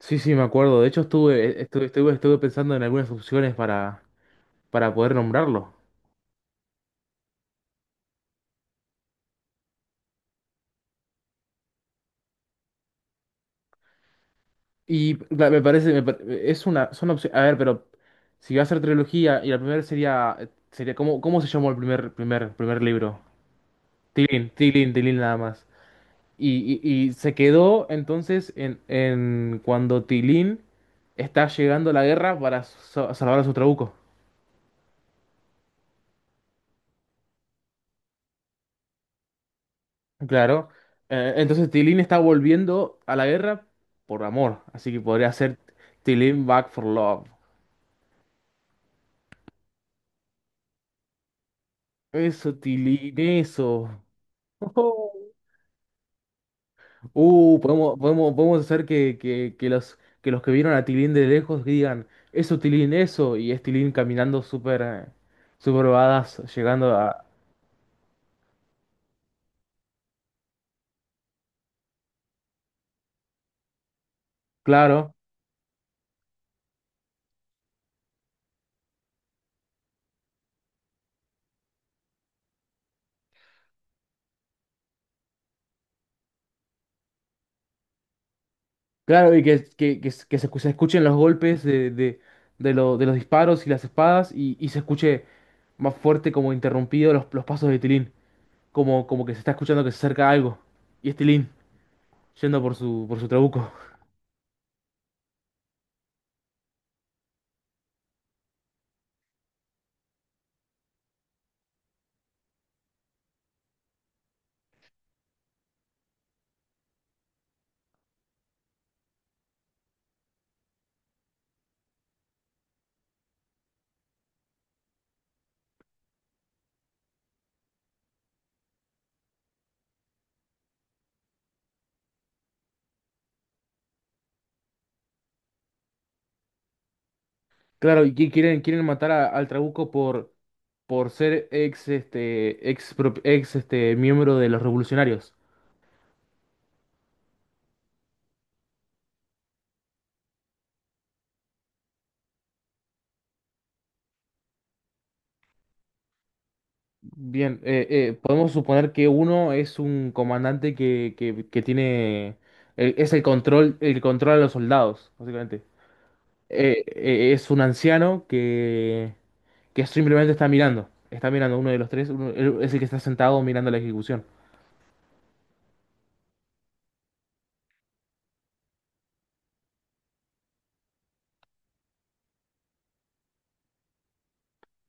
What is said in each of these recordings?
Sí, sí, me acuerdo. De hecho, estuve pensando en algunas opciones para poder nombrarlo. Me parece, es una, son opciones. A ver, pero si va a ser trilogía y la primera sería, sería ¿cómo, cómo se llamó el primer libro? Tilín nada más. Y se quedó entonces en cuando Tilín está llegando a la guerra para salvar a su trabuco. Claro. Entonces Tilín está volviendo a la guerra por amor. Así que podría ser Tilín Back for Love. Eso, Tilín, eso. Ujú. Podemos hacer que, que los, que los que vieron a Tilín de lejos digan, eso, Tilín, eso. Y es Tilín caminando súper súper badass, llegando a... Claro. Claro, y que, que se se escuchen los golpes de de los disparos y las espadas y se escuche más fuerte como interrumpido los pasos de Tilín, como, como que se está escuchando que se acerca algo. Y es Tilín yendo por su trabuco. Claro, y que quieren, quieren matar al trabuco por ser ex, este, ex, ex este, miembro de los revolucionarios. Bien, podemos suponer que uno es un comandante que, que tiene, es el control a los soldados, básicamente. Es un anciano que simplemente está mirando uno de los tres, él es el que está sentado mirando la ejecución.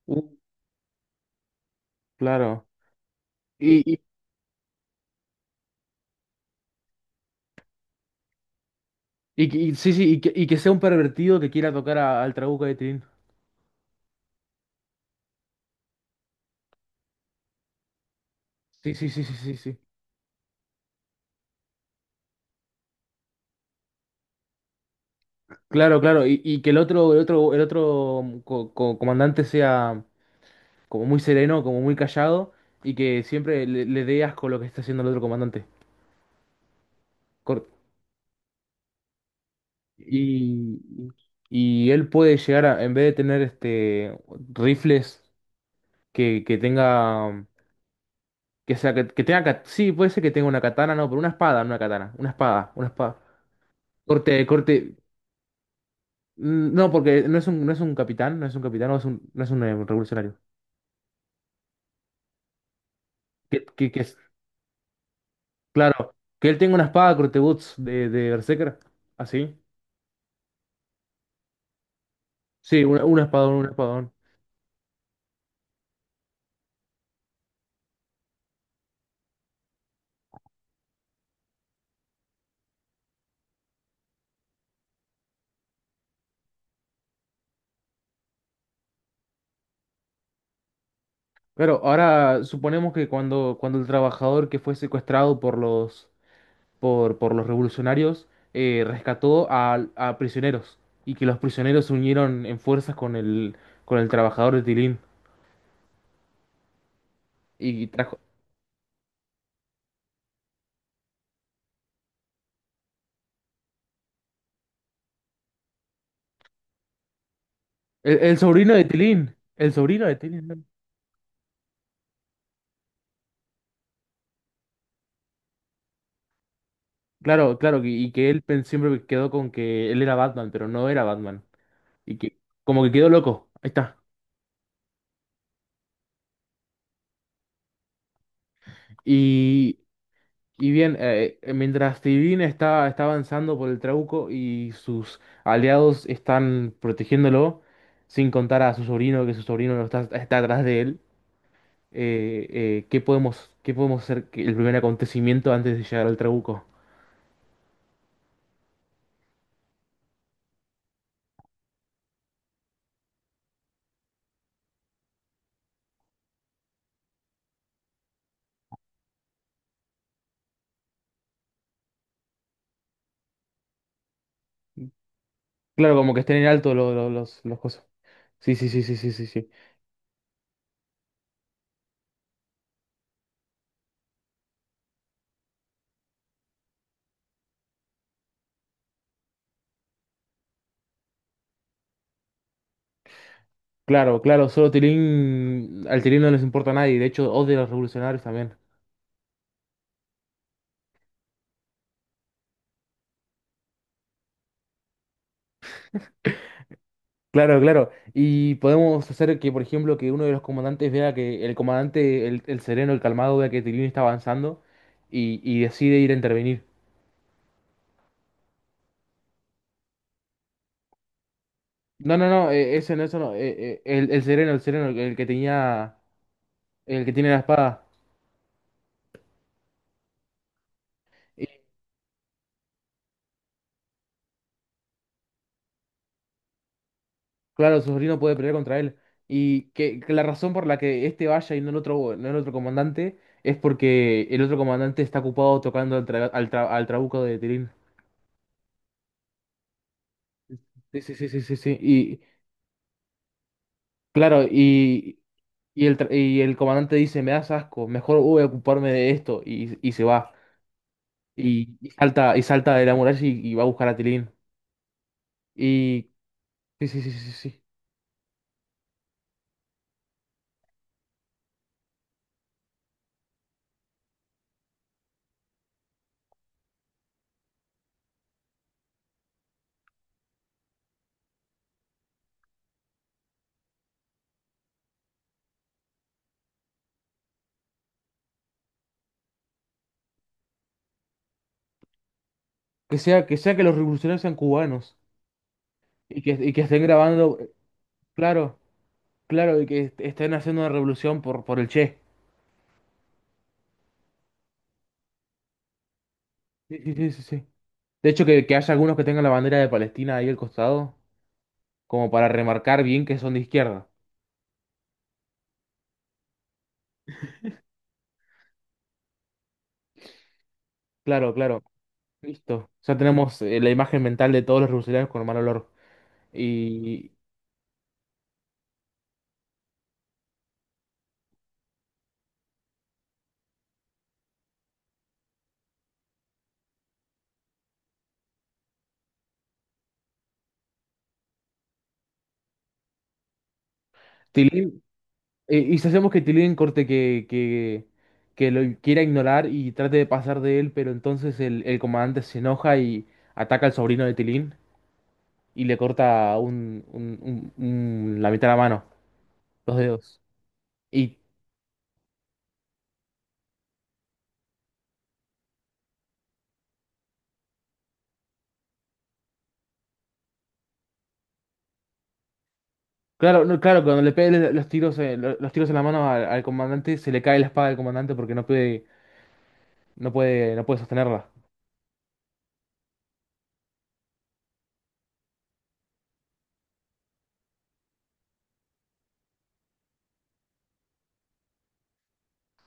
Uh, claro. Y, y, y que- y- sí, sí, y que sea un pervertido que quiera tocar al Trabuco de Tilín. Sí, sí, sí, sí, sí, sí. Claro, claro. Y que el otro, el otro, el otro mm, comandante sea, como muy sereno, como muy callado, y que siempre le, le dé asco lo que está haciendo el otro comandante. Cor- Y, y él puede llegar a, en vez de tener este rifles que tenga, que sea, que tenga, sí, puede ser que tenga una katana, no, pero una espada, no una katana, una espada, una espada. Corte, corte, mm, no, porque no es un, no es un capitán, no es un capitán, no es un, no es un revolucionario. Que es, claro, que él tenga una espada corte boots de Berserker, así. Sí, una, un espadón, un espadón. Pero ahora suponemos que cuando, cuando el trabajador que fue secuestrado por los, por los revolucionarios rescató a prisioneros y que los prisioneros se unieron en fuerzas con el trabajador de Tilín y trajo... El sobrino de Tilín, el sobrino de Tilín. ¿No? Claro, claro, que- y que él siempre quedó con que él era Batman, pero no era Batman. Y que como que quedó loco, ahí está. Y bien, mientras Tivin está, está avanzando por el Trauco y sus aliados están protegiéndolo, sin contar a su sobrino, que su sobrino no está, está atrás de él, qué podemos hacer que el primer acontecimiento antes de llegar al Trauco? Claro, como que estén en alto los cosas. Sí, sí, sí, sí, sí, sí, sí. Claro, claro, solo Tilín, al Tilín no les importa a nadie, de hecho, odia a los revolucionarios también. Claro, claro. Y podemos hacer que, por ejemplo, que uno de los comandantes vea que el comandante, el sereno, el calmado, vea que Tilín está avanzando y decide ir a intervenir. No, no, no, ese no, eso no. El sereno, el sereno, el, que tenía, el que tiene la espada. Y, claro, su sobrino puede pelear contra él. Y que la razón por la que este vaya y no el otro, no el otro comandante es porque el otro comandante está ocupado tocando al, al, al trabuco de Tilín. Sí, sí, sí, sí, sí, sí. Claro, y, el, y el comandante dice, me das asco, mejor voy a ocuparme de esto, y se va. Y salta de la muralla y va a buscar a Tilín. Y sí, sí, sí, sí, sí. Que sea, que sea que los revolucionarios sean cubanos. Y que estén grabando, claro, claro, y que estén haciendo una revolución por el Che. Sí, sí, sí, sí, sí. De hecho, que haya algunos que tengan la bandera de Palestina ahí al costado, como para remarcar bien que son de izquierda. Claro, claro. Listo. Ya tenemos la imagen mental de todos los rurales con mal olor. Y Tilín, ¿y si hacemos que Tilín que lo quiera ignorar y trate de pasar de él, pero entonces el comandante se enoja y ataca al sobrino de Tilín y le corta un, la mitad de la mano, los dedos? Y claro, no, claro, cuando le pegue los tiros, los tiros en la mano al, al comandante, se le cae la espada del comandante porque no puede, no puede sostenerla.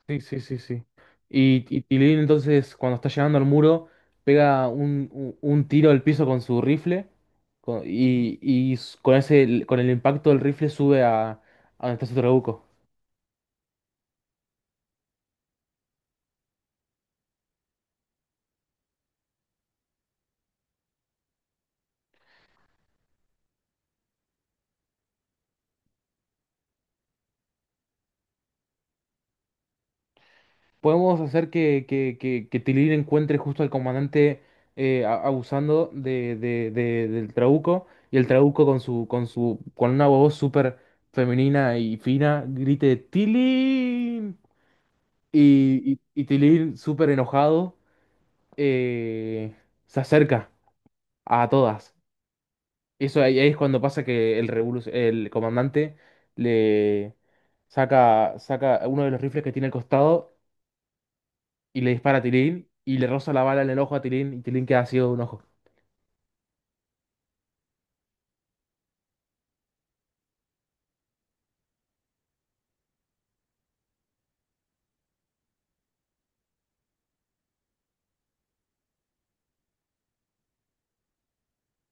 Sí, sí, sí, sí. Y Tilín entonces cuando está llegando al muro pega un, un tiro al piso con su rifle y con ese, con el impacto del rifle sube a donde está su trabuco. Podemos hacer que, que Tilín encuentre justo al comandante abusando de, del trabuco, y el trabuco con su, con su, con una voz súper femenina y fina grite ¡Tilín! Y Tilín súper enojado eh, se acerca a todas. Eso ahí, ahí es cuando pasa que el el comandante le saca uno de los rifles que tiene al costado y le dispara a Tilín y le roza la bala en el ojo a Tilín y Tilín queda ciego de un ojo.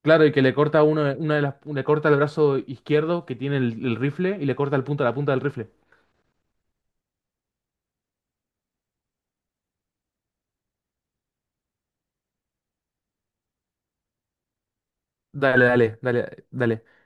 Claro, y que le corta uno, una de las, le corta el brazo izquierdo que tiene el rifle y le corta el punta, la punta del rifle. Dale, dale, dale, dale.